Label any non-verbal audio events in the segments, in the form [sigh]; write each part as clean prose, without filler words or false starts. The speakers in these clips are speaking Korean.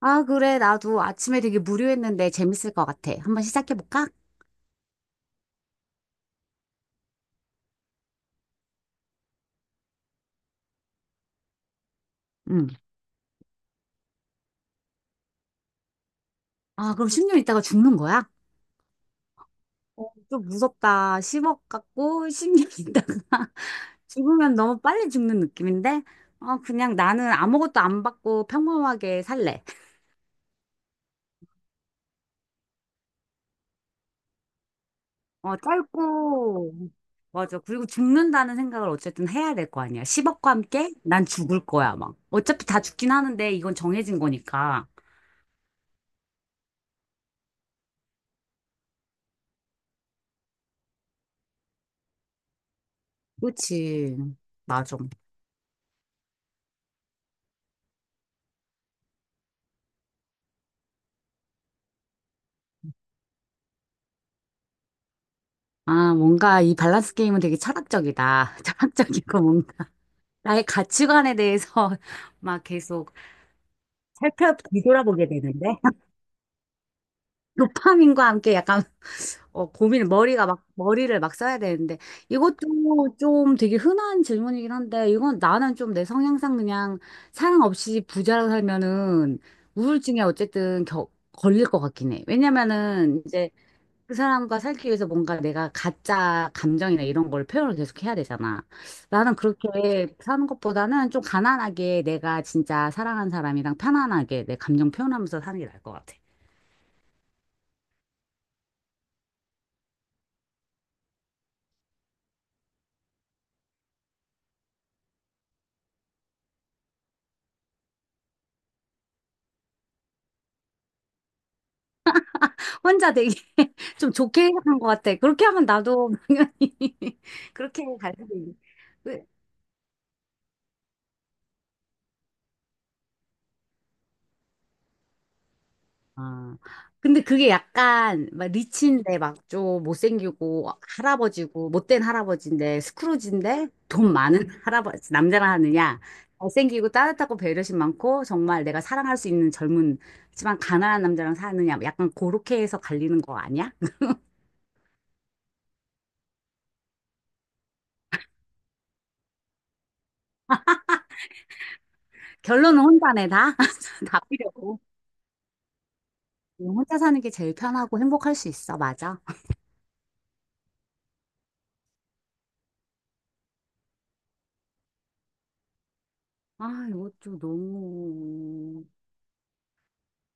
아, 그래. 나도 아침에 되게 무료했는데 재밌을 것 같아. 한번 시작해볼까? 응. 아, 그럼 10년 있다가 죽는 거야? 어, 좀 무섭다. 10억 갖고 10년 있다가 [laughs] 죽으면 너무 빨리 죽는 느낌인데? 어, 그냥 나는 아무것도 안 받고 평범하게 살래. 어, 짧고, 맞아. 그리고 죽는다는 생각을 어쨌든 해야 될 거 아니야. 10억과 함께 난 죽을 거야, 막. 어차피 다 죽긴 하는데 이건 정해진 거니까. 그렇지. 맞아. 아, 뭔가 이 밸런스 게임은 되게 철학적이다. [laughs] 철학적이고 뭔가 나의 가치관에 대해서 [laughs] 막 계속 살펴 뒤돌아보게 되는데. [laughs] 도파민과 함께 약간 어, 고민, 머리가 막, 머리를 막 써야 되는데. 이것도 좀 되게 흔한 질문이긴 한데, 이건 나는 좀 내 성향상 그냥 사랑 없이 부자로 살면은 우울증에 어쨌든 걸릴 것 같긴 해. 왜냐면은 이제 그 사람과 살기 위해서 뭔가 내가 가짜 감정이나 이런 걸 표현을 계속 해야 되잖아. 나는 그렇게 사는 것보다는 좀 가난하게 내가 진짜 사랑하는 사람이랑 편안하게 내 감정 표현하면서 사는 게 나을 것 같아. 혼자 되게 [laughs] 좀 좋게 생각한 것 같아. 그렇게 하면 나도 당연히 [laughs] 그렇게 갈 수도 있 아, 근데 그게 약간 막 리치인데 막 좀 못생기고 할아버지고 못된 할아버지인데 스크루지인데 돈 많은 [laughs] 할아버지 남자라 하느냐 잘생기고 따뜻하고 배려심 많고 정말 내가 사랑할 수 있는 젊은지만 가난한 남자랑 사느냐 뭐 약간 그렇게 해서 갈리는 거 아니야? [laughs] 결론은 혼자네 다. [laughs] 다 필요고. 혼자 사는 게 제일 편하고 행복할 수 있어. 맞아. 아, 이것도 너무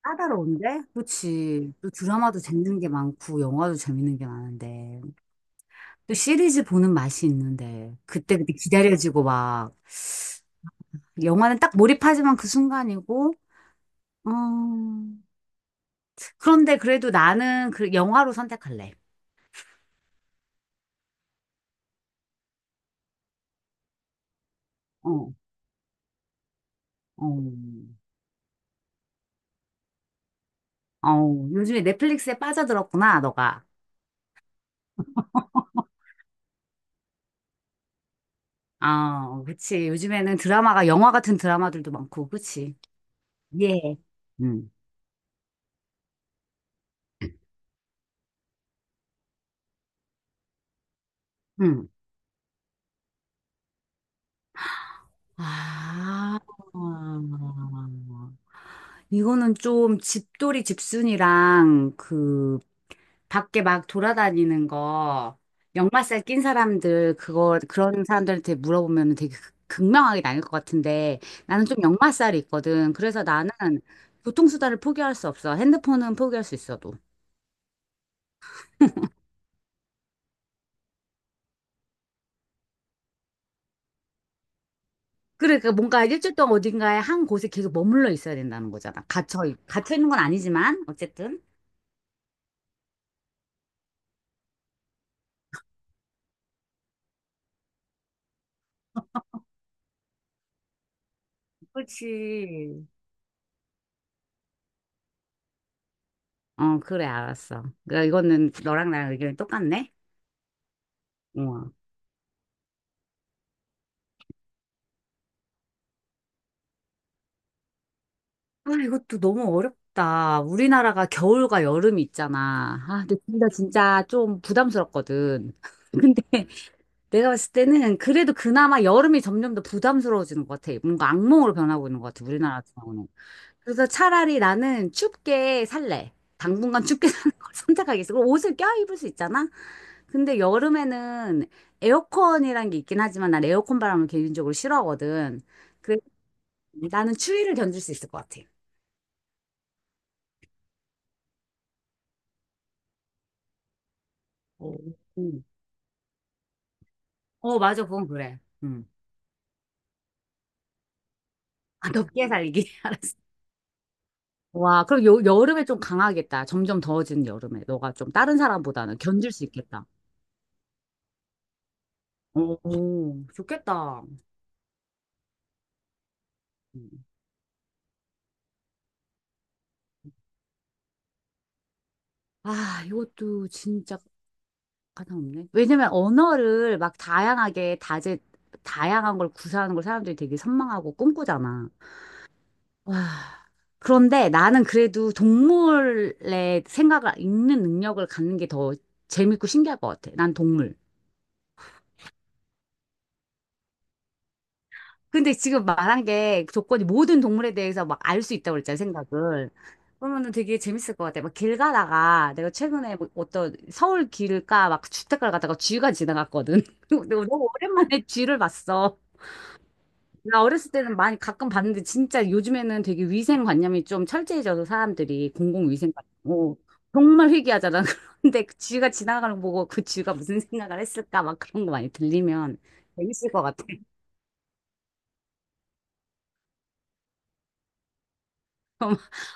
까다로운데? 그치. 또 드라마도 재밌는 게 많고, 영화도 재밌는 게 많은데. 또 시리즈 보는 맛이 있는데. 그때그때 기다려지고 막. 영화는 딱 몰입하지만 그 순간이고. 음. 그런데 그래도 나는 그 영화로 선택할래. 어, 어. 어, 요즘에 넷플릭스에 빠져들었구나, 너가. 아, 그치. 요즘에는 드라마가, 영화 같은 드라마들도 많고, 그치. 예. 응. 응. 아. 이거는 좀 집돌이 집순이랑 그 밖에 막 돌아다니는 거 역마살 낀 사람들 그거 그런 사람들한테 물어보면 되게 극명하게 나뉠 것 같은데 나는 좀 역마살이 있거든. 그래서 나는 교통수단을 포기할 수 없어. 핸드폰은 포기할 수 있어도. 그래, 그러니까 뭔가 일주일 동안 어딘가에 한 곳에 계속 머물러 있어야 된다는 거잖아. 갇혀 있는 건 아니지만 어쨌든. 그렇지. 어, 그래, 알았어. 그러니까 이거는 너랑 나랑 의견이 똑같네. 어. 아, 이것도 너무 어렵다. 우리나라가 겨울과 여름이 있잖아. 아, 근데 둘다 진짜 좀 부담스럽거든. [laughs] 근데 내가 봤을 때는 그래도 그나마 여름이 점점 더 부담스러워지는 것 같아. 뭔가 악몽으로 변하고 있는 것 같아, 우리나라 같은 경우는. 그래서 차라리 나는 춥게 살래. 당분간 춥게 [laughs] 사는 걸 선택하겠어. 그럼 옷을 껴입을 수 있잖아? 근데 여름에는 에어컨이란 게 있긴 하지만 난 에어컨 바람을 개인적으로 싫어하거든. 그래서 나는 추위를 견딜 수 있을 것 같아. 오. 어, 맞아. 그건 그래. 음. 아, 덥게 살기. [laughs] 와, 그럼 여름에 좀 강하겠다. 점점 더워지는 여름에. 너가 좀 다른 사람보다는 견딜 수 있겠다. 오, 오, 좋겠다. 음. 아, 이것도 진짜 가장 없네. 왜냐면 언어를 막 다양하게 다양한 걸 구사하는 걸 사람들이 되게 선망하고 꿈꾸잖아. 와. 그런데 나는 그래도 동물의 생각을 읽는 능력을 갖는 게 더 재밌고 신기할 것 같아. 난 동물. 근데 지금 말한 게 조건이 모든 동물에 대해서 막 알 수 있다고 그랬잖아요, 생각을. 그러면은 되게 재밌을 것 같아. 막 길 가다가 내가 최근에 뭐 어떤 서울 길가 막 주택가를 가다가 쥐가 지나갔거든. [laughs] 근데 너무 오랜만에 쥐를 봤어. 나 어렸을 때는 많이 가끔 봤는데 진짜 요즘에는 되게 위생관념이 좀 철저해져서 사람들이 공공위생관념. 어, 정말 희귀하잖아. [laughs] 근데 그 쥐가 지나가는 거 보고 그 쥐가 무슨 생각을 했을까 막 그런 거 많이 들리면 재밌을 것 같아.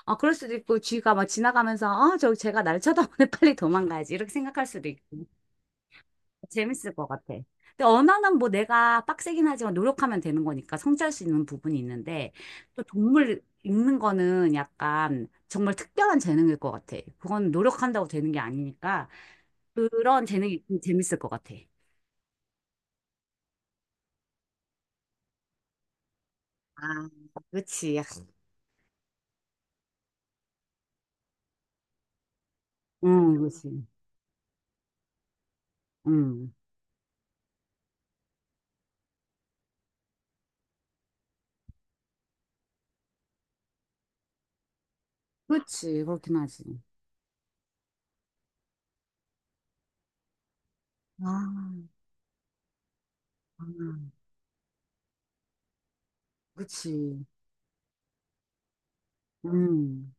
아, 그럴 수도 있고, 쥐가 막 지나가면서, 아, 저, 쟤가 날 쳐다보네, [laughs] 빨리 도망가야지. 이렇게 생각할 수도 있고. 재밌을 것 같아. 근데 언어는 뭐 내가 빡세긴 하지만 노력하면 되는 거니까 성취할 수 있는 부분이 있는데, 또 동물 읽는 거는 약간 정말 특별한 재능일 것 같아. 그건 노력한다고 되는 게 아니니까, 그런 재능이 좀 재밌을 것 같아. 아, 그치. 응, 그치. 응. 그치, 그렇긴 하지. 아, 아, 그치. 음.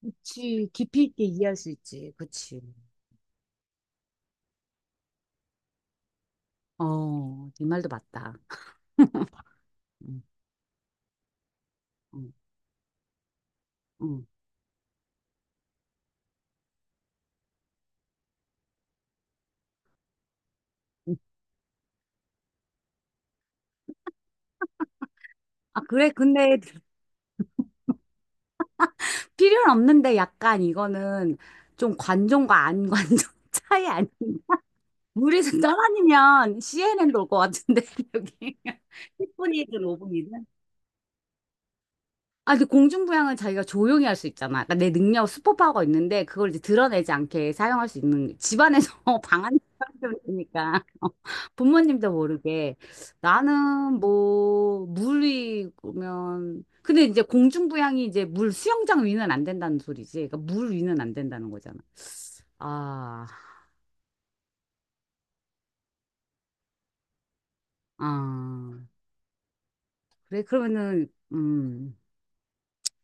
그치. 깊이 있게 이해할 수 있지. 그치. 어, 네 말도 맞다. 응, 응, 응. 응. 아, 그래. 근데 필요는 없는데 약간 이거는 좀 관종과 안 관종 [laughs] 차이 아니 물에서 떠다니면 CNN도 올 것 같은데, [laughs] 여기. 10분이든 5분이든. 아, 근데 공중부양은 자기가 조용히 할 수 있잖아. 그러니까 내 능력, 슈퍼파워가 있는데 그걸 이제 드러내지 않게 사용할 수 있는 집안에서 [laughs] 방 안에 살면 되니까 [laughs] 어, 부모님도 모르게 나는 뭐 물이 그러면 근데 이제 공중부양이 이제 물 수영장 위는 안 된다는 소리지. 그러니까 물 위는 안 된다는 거잖아. 아, 아, 그래 그러면은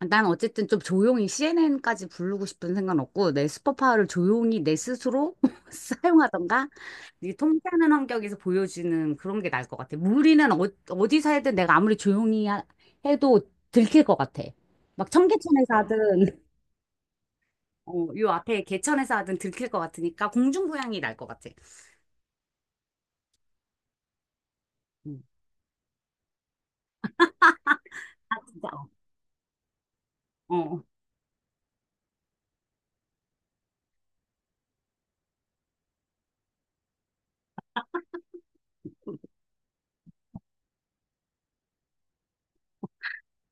난 어쨌든 좀 조용히 CNN까지 부르고 싶은 생각은 없고 내 슈퍼파워를 조용히 내 스스로 [laughs] 사용하던가 이 통쾌하는 환경에서 보여지는 그런 게 나을 것 같아. 무리는 어, 어디서 해든 내가 아무리 조용히 해도 들킬 것 같아. 막 청계천에서 하든 [laughs] 어, 요 앞에 개천에서 하든 들킬 것 같으니까 공중부양이 날 것 같아. 음. 아 진짜 어. 어.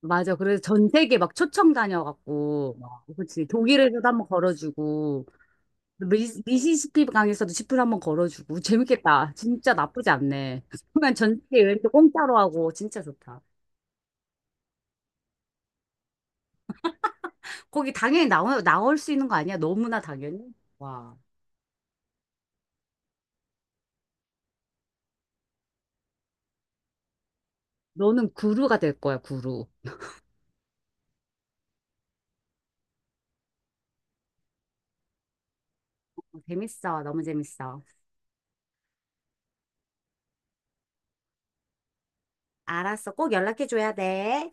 맞아. 그래서 전 세계 막 초청 다녀갖고, 막, 그치. 독일에서도 한번 걸어주고, 미시시피 강에서도 지프를 한번 걸어주고 [laughs] 재밌겠다. 진짜 나쁘지 않네. [laughs] 그러면 전 세계 여행도 공짜로 하고 진짜 좋다. 거기 당연히 나올 수 있는 거 아니야? 너무나 당연히. 와, 너는 구루가 될 거야, 구루. 어, 재밌어, 너무 재밌어. 알았어, 꼭 연락해 줘야 돼.